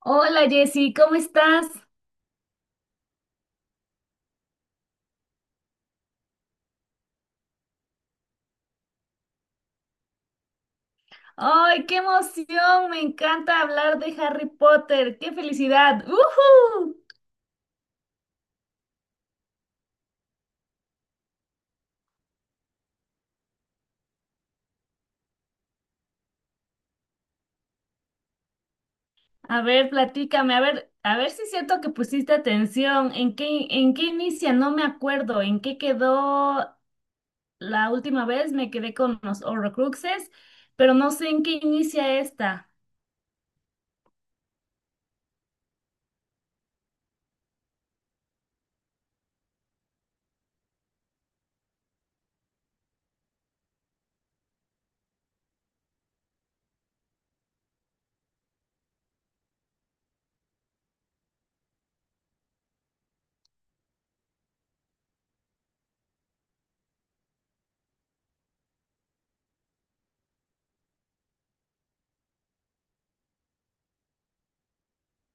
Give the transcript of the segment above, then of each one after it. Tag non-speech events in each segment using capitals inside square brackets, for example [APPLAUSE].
Hola Jessy, ¿cómo estás? ¡Ay, qué emoción! Me encanta hablar de Harry Potter. ¡Qué felicidad! ¡Ujú! A ver, platícame, a ver si es cierto que pusiste atención. ¿En qué inicia? No me acuerdo. ¿En qué quedó la última vez? Me quedé con los Horrocruxes, pero no sé en qué inicia esta.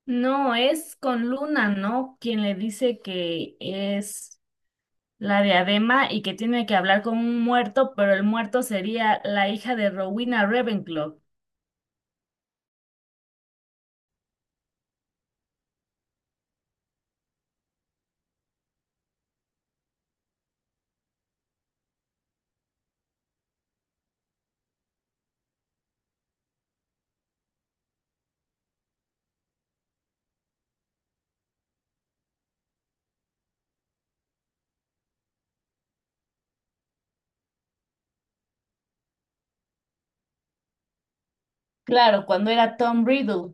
No, es con Luna, ¿no? Quien le dice que es. La diadema y que tiene que hablar con un muerto, pero el muerto sería la hija de Rowena Ravenclaw. Claro, cuando era Tom Riddle.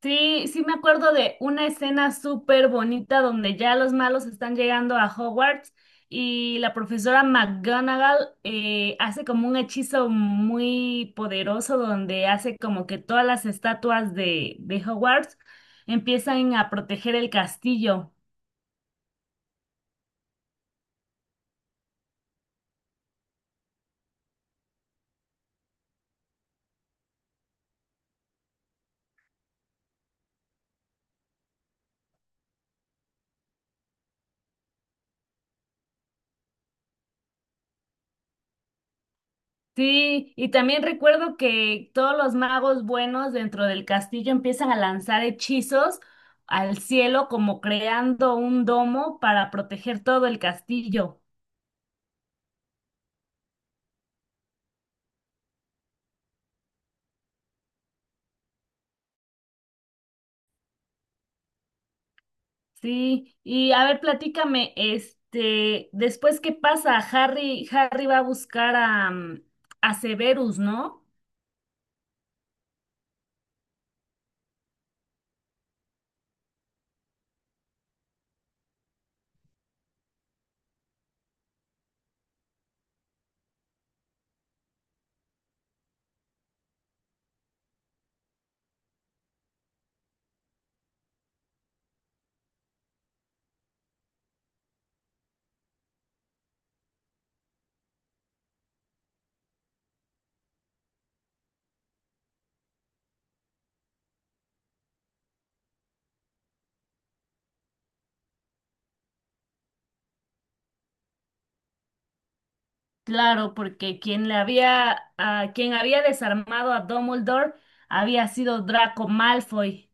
Sí, sí me acuerdo de una escena súper bonita donde ya los malos están llegando a Hogwarts y la profesora McGonagall hace como un hechizo muy poderoso donde hace como que todas las estatuas de Hogwarts empiezan a proteger el castillo. Sí, y también recuerdo que todos los magos buenos dentro del castillo empiezan a lanzar hechizos al cielo, como creando un domo para proteger todo el castillo. Sí, y a ver, platícame, este, después qué pasa, Harry va a buscar a, a Severus, ¿no? Claro, porque quien le había, a quien había desarmado a Dumbledore había sido Draco Malfoy.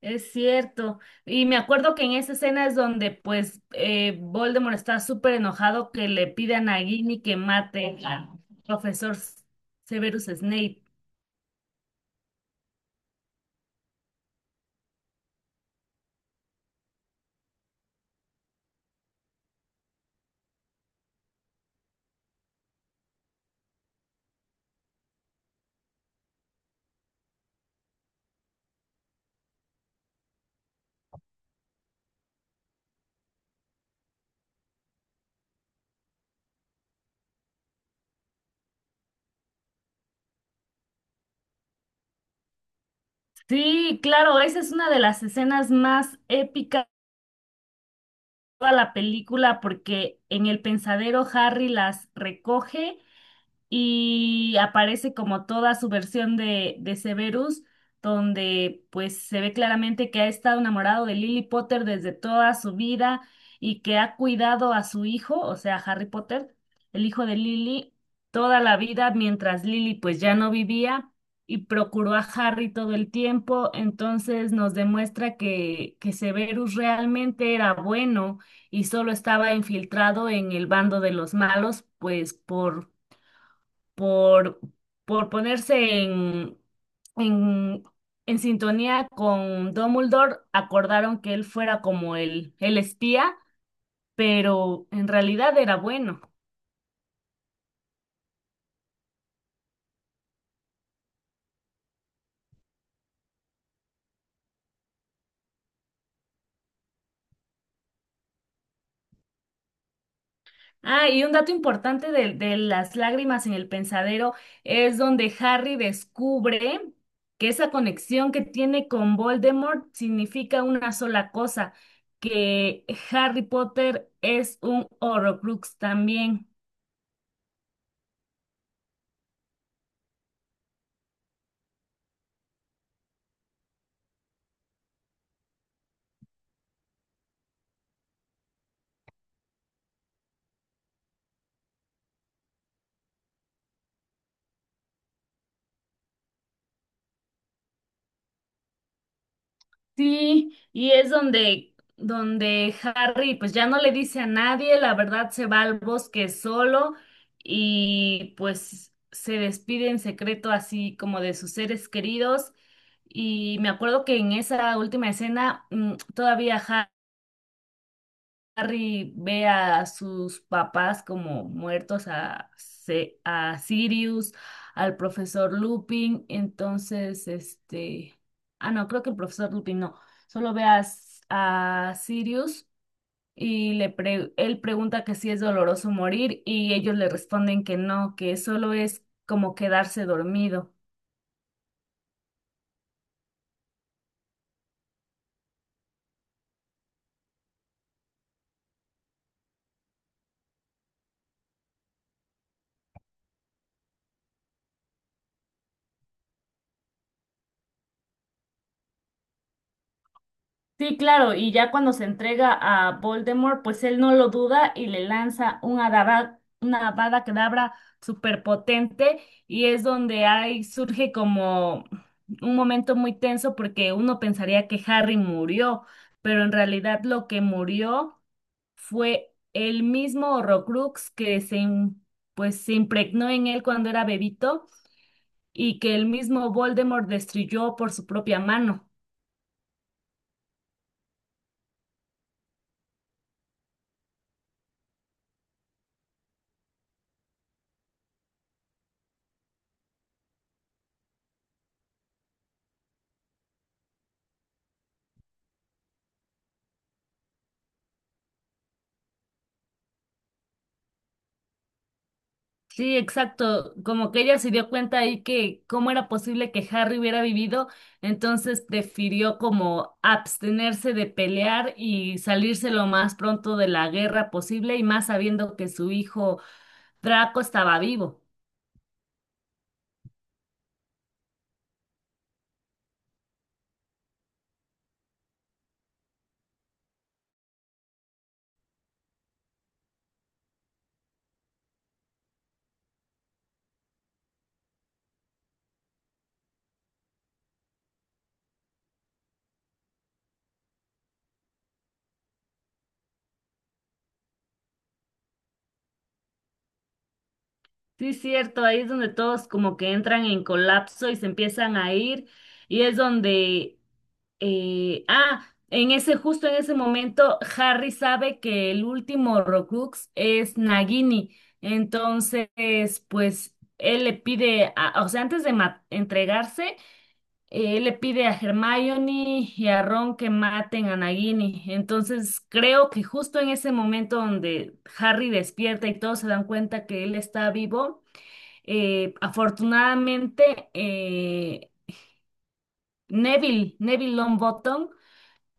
Es cierto. Y me acuerdo que en esa escena es donde pues Voldemort está súper enojado que le pidan a Nagini que mate al profesor Severus Snape. Sí, claro, esa es una de las escenas más épicas de toda la película porque en el pensadero Harry las recoge y aparece como toda su versión de Severus, donde pues se ve claramente que ha estado enamorado de Lily Potter desde toda su vida y que ha cuidado a su hijo, o sea, Harry Potter, el hijo de Lily, toda la vida mientras Lily pues ya no vivía. Y procuró a Harry todo el tiempo, entonces nos demuestra que Severus realmente era bueno y solo estaba infiltrado en el bando de los malos, pues por, por ponerse en, en sintonía con Dumbledore, acordaron que él fuera como el espía, pero en realidad era bueno. Ah, y un dato importante de las lágrimas en el pensadero es donde Harry descubre que esa conexión que tiene con Voldemort significa una sola cosa, que Harry Potter es un Horrocrux también. Sí, y es donde, donde Harry pues ya no le dice a nadie, la verdad se va al bosque solo y pues se despide en secreto así como de sus seres queridos. Y me acuerdo que en esa última escena todavía Harry ve a sus papás como muertos, a, a Sirius, al profesor Lupin, entonces, este, ah, no, creo que el profesor Lupin no, solo ve a, a Sirius y él pregunta que si es doloroso morir y ellos le responden que no, que solo es como quedarse dormido. Sí, claro, y ya cuando se entrega a Voldemort, pues él no lo duda y le lanza una una Avada Kedavra superpotente y es donde ahí surge como un momento muy tenso porque uno pensaría que Harry murió, pero en realidad lo que murió fue el mismo Horrocrux que pues, se impregnó en él cuando era bebito y que el mismo Voldemort destruyó por su propia mano. Sí, exacto. Como que ella se dio cuenta ahí que cómo era posible que Harry hubiera vivido, entonces prefirió como abstenerse de pelear y salirse lo más pronto de la guerra posible y más sabiendo que su hijo Draco estaba vivo. Sí, cierto, ahí es donde todos como que entran en colapso y se empiezan a ir y es donde en ese, justo en ese momento, Harry sabe que el último Horcrux es Nagini. Entonces, pues, él o sea, antes de entregarse, él le pide a Hermione y a Ron que maten a Nagini. Entonces, creo que justo en ese momento donde Harry despierta y todos se dan cuenta que él está vivo, afortunadamente, eh, Neville Longbottom,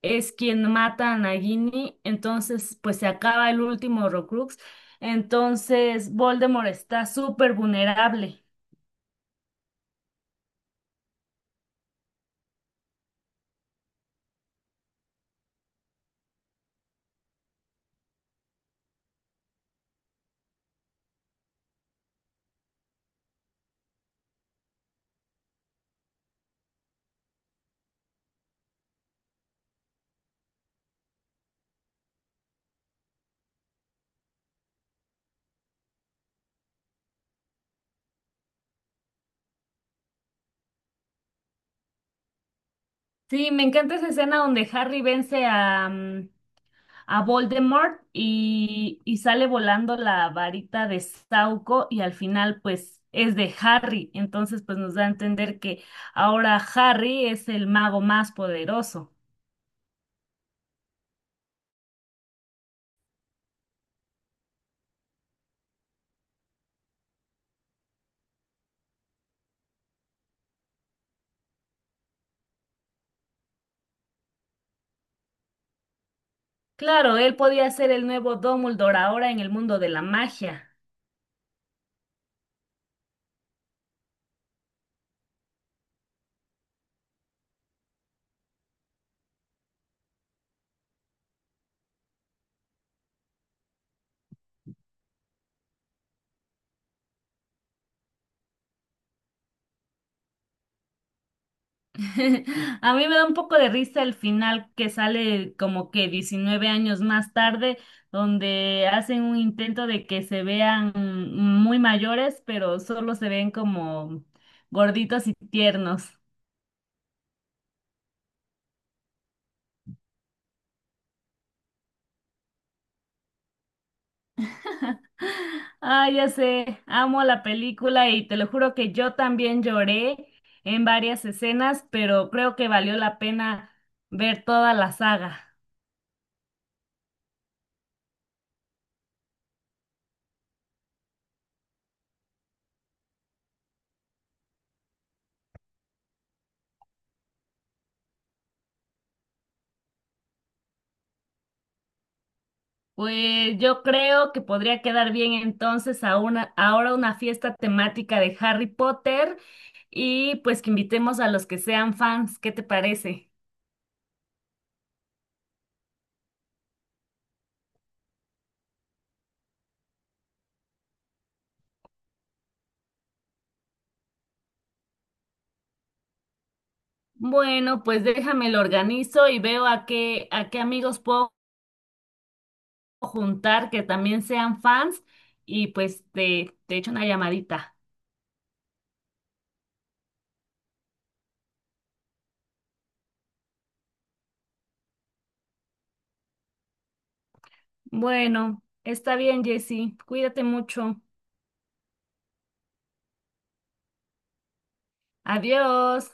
es quien mata a Nagini, entonces pues se acaba el último Horcrux, entonces Voldemort está súper vulnerable. Sí, me encanta esa escena donde Harry vence a, a Voldemort y sale volando la varita de Sauco y al final pues es de Harry, entonces pues nos da a entender que ahora Harry es el mago más poderoso. Claro, él podía ser el nuevo Dumbledore ahora en el mundo de la magia. [LAUGHS] A mí me da un poco de risa el final que sale como que 19 años más tarde, donde hacen un intento de que se vean muy mayores, pero solo se ven como gorditos y tiernos. [LAUGHS] Ah, ya sé, amo la película y te lo juro que yo también lloré en varias escenas, pero creo que valió la pena ver toda la saga. Pues yo creo que podría quedar bien entonces a una, ahora una fiesta temática de Harry Potter y pues que invitemos a los que sean fans. ¿Qué te parece? Bueno, pues déjame lo organizo y veo a a qué amigos puedo juntar que también sean fans y pues te echo una llamadita. Bueno, está bien, Jessy. Cuídate mucho. Adiós.